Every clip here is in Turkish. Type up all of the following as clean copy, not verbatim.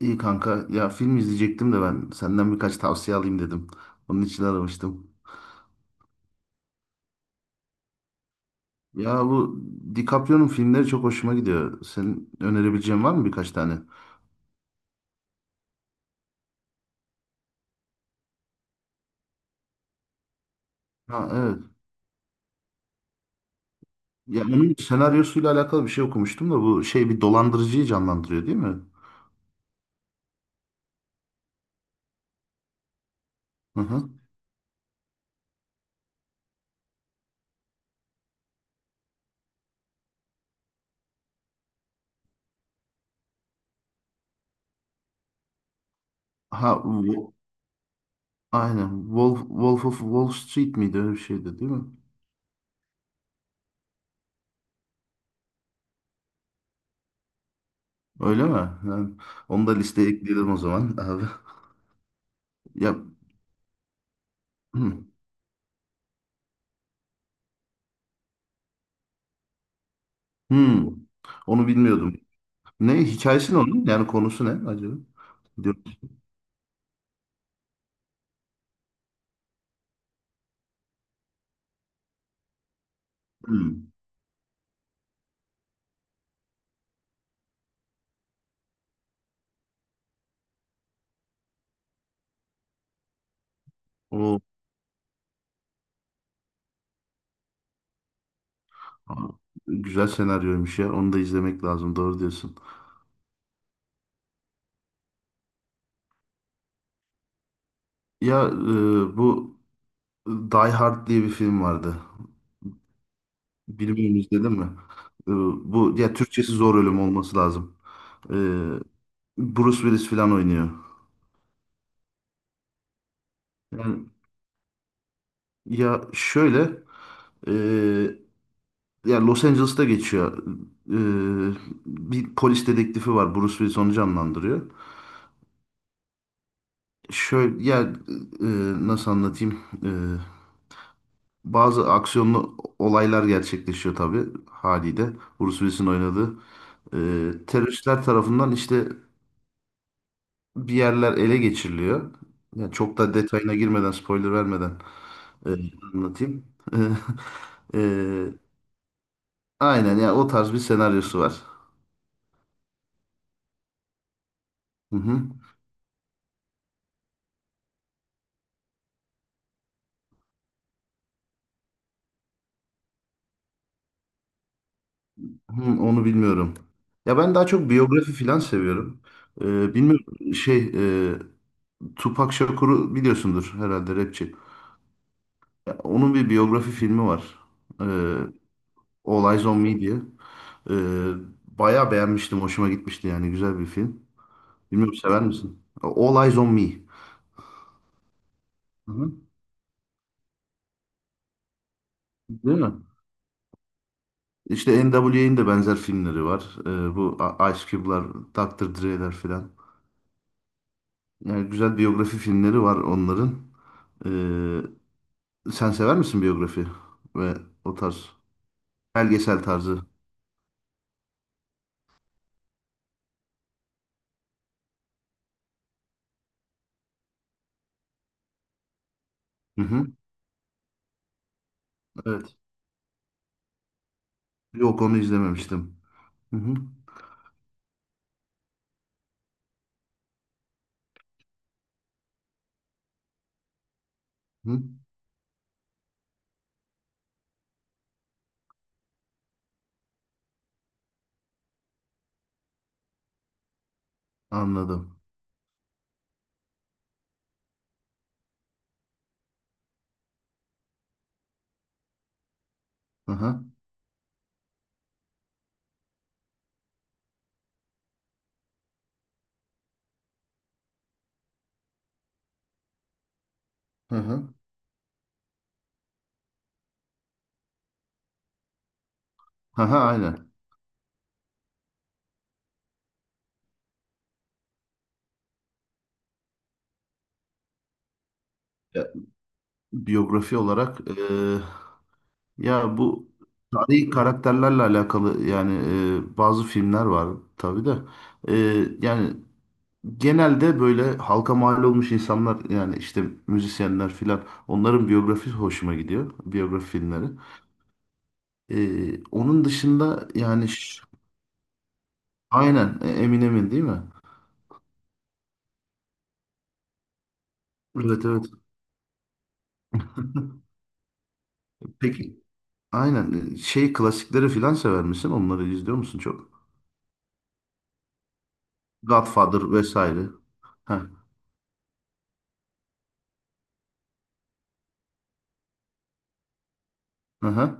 İyi kanka. Ya film izleyecektim de ben senden birkaç tavsiye alayım dedim. Onun için aramıştım. Ya bu DiCaprio'nun filmleri çok hoşuma gidiyor. Senin önerebileceğin var mı birkaç tane? Ha evet. Ya onun senaryosuyla alakalı bir şey okumuştum da bu şey bir dolandırıcıyı canlandırıyor, değil mi? Hı hı. Ha aynen. Wolf of Wall Street miydi, öyle bir şeydi değil mi? Öyle mi? Yani onu da listeye ekleyelim o zaman abi. Ya, hmm. Hmm. Onu bilmiyordum. Ne hikayesi, ne onun? Yani konusu ne acaba? Diyorum. Hmm. O aa, güzel senaryoymuş ya. Onu da izlemek lazım. Doğru diyorsun. Ya bu Die Hard diye bir film vardı. Bilmiyorum, izledin mi? E, bu ya Türkçesi Zor Ölüm olması lazım. E, Bruce Willis falan oynuyor. Yani ya şöyle, e, ya Los Angeles'ta geçiyor. E, bir polis dedektifi var. Bruce Willis onu canlandırıyor. Şöyle ya, nasıl anlatayım? Bazı aksiyonlu olaylar gerçekleşiyor tabii haliyle. Bruce Willis'in oynadığı. Teröristler tarafından işte bir yerler ele geçiriliyor. Yani çok da detayına girmeden, spoiler vermeden, e, anlatayım. E, e, aynen ya o tarz bir senaryosu var. Hı hı. Hı, onu bilmiyorum. Ya ben daha çok biyografi falan seviyorum. Bilmiyorum, şey, e, Tupac Shakur'u biliyorsundur herhalde, rapçi. Ya, onun bir biyografi filmi var. Ee, All Eyes on Me diye. Ee, bayağı beğenmiştim. Hoşuma gitmişti yani. Güzel bir film. Bilmiyorum, sever misin? All Eyes on Me. Hı hı. Değil mi? İşte NWA'nin de benzer filmleri var. Bu Ice Cube'lar, Dr. Dre'ler filan. Yani güzel biyografi filmleri var onların. Ee, sen sever misin biyografi ve o tarz belgesel tarzı? Hı hı. Evet. Yok, onu izlememiştim. Hı hı. Hı, anladım. Hı hı. Hı hı. Hı hı, aynen. Ya, biyografi olarak, ya bu tarihi karakterlerle alakalı yani, bazı filmler var tabii de. Yani genelde böyle halka mal olmuş insanlar, yani işte müzisyenler filan, onların biyografi hoşuma gidiyor. Biyografi filmleri. Onun dışında yani aynen, Eminem'in değil mi? Evet evet. Peki. Aynen. Şey klasikleri filan sever misin? Onları izliyor musun çok? Godfather vesaire. Heh. Aha.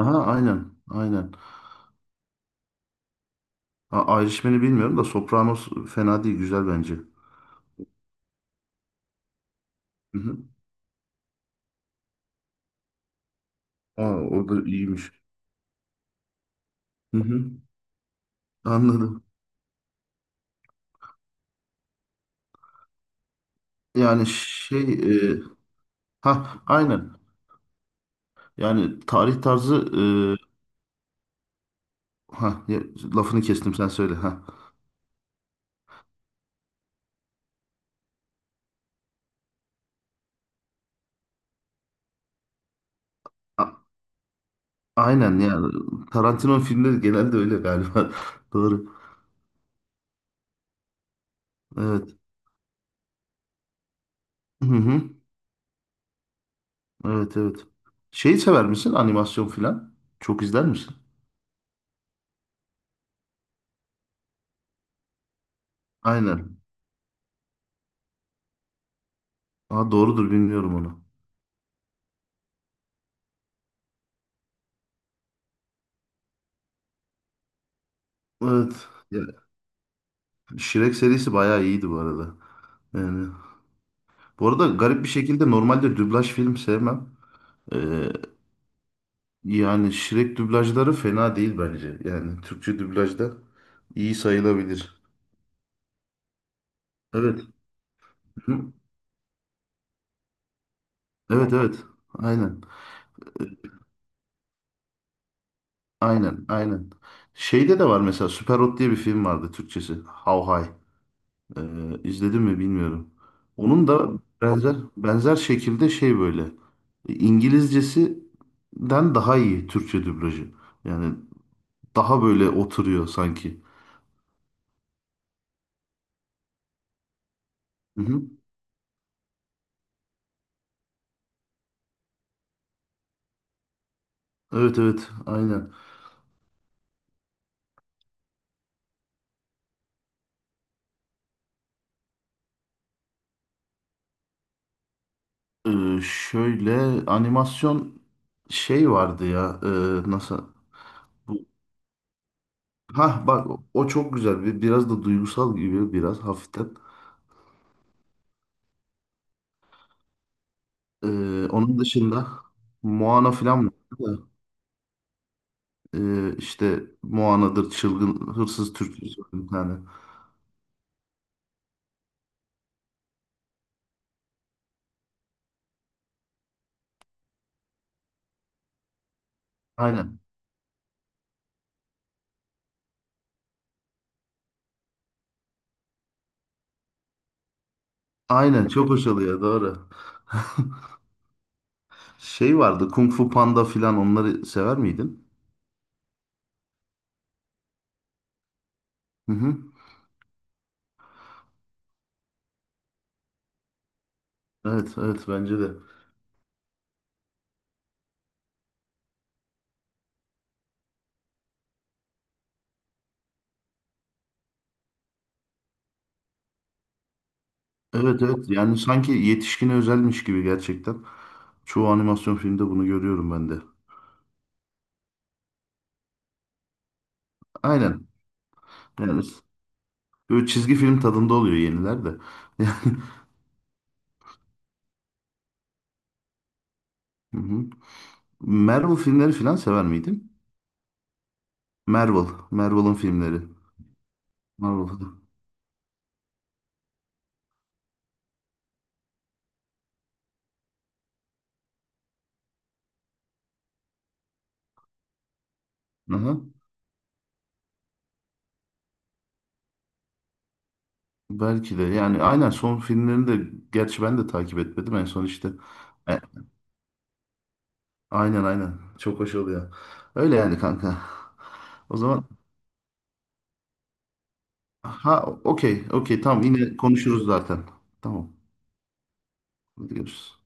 Aha aynen. Aynen. A Irishman'i bilmiyorum da Sopranos fena değil. Güzel bence. Hı hı. Aa, o da iyiymiş. Hı hı. Anladım. Yani şey, e, ha aynen. Yani tarih tarzı, ha, lafını kestim, sen söyle ha. A- aynen, yani Tarantino filmleri genelde öyle galiba. Doğru. Evet. Hı hı. Evet evet. Şeyi sever misin? Animasyon filan. Çok izler misin? Aynen. Aa, doğrudur, bilmiyorum onu. Evet. Ya, Shrek serisi bayağı iyiydi bu arada. Yani, bu arada garip bir şekilde normalde dublaj film sevmem. Ee, yani Shrek dublajları fena değil bence. Yani Türkçe dublajda iyi sayılabilir. Evet. Hı. Evet evet. Aynen. Aynen. Aynen. Şeyde de var mesela, Superhot diye bir film vardı Türkçesi. How High. Ee, izledim mi bilmiyorum. Onun da benzer benzer şekilde şey böyle, İngilizcesinden daha iyi Türkçe dublajı. Yani daha böyle oturuyor sanki. Hı hı. Evet evet aynen. Şöyle animasyon şey vardı ya, nasıl bu, ha bak, o çok güzel bir, biraz da duygusal gibi biraz hafiften. Onun dışında Moana falan var. İşte Moana'dır, çılgın hırsız türküsü var bir tane. Aynen. Aynen çok hoş oluyor, doğru. Şey vardı Kung Fu Panda filan, onları sever miydin? Hı hı. Evet evet bence de. Evet evet, yani sanki yetişkine özelmiş gibi gerçekten. Çoğu animasyon filmde bunu görüyorum ben de. Aynen. Yani böyle çizgi film tadında oluyor yeniler de. Yani, hı hı. Marvel filmleri filan sever miydin? Marvel. Marvel'ın filmleri. Marvel. Aha. Belki de, yani aynen, son filmlerini de gerçi ben de takip etmedim en son işte. E, aynen aynen, çok hoş oluyor. Öyle yani kanka. O zaman ha, okey okey, tamam, yine konuşuruz zaten. Tamam, hadi görüşürüz.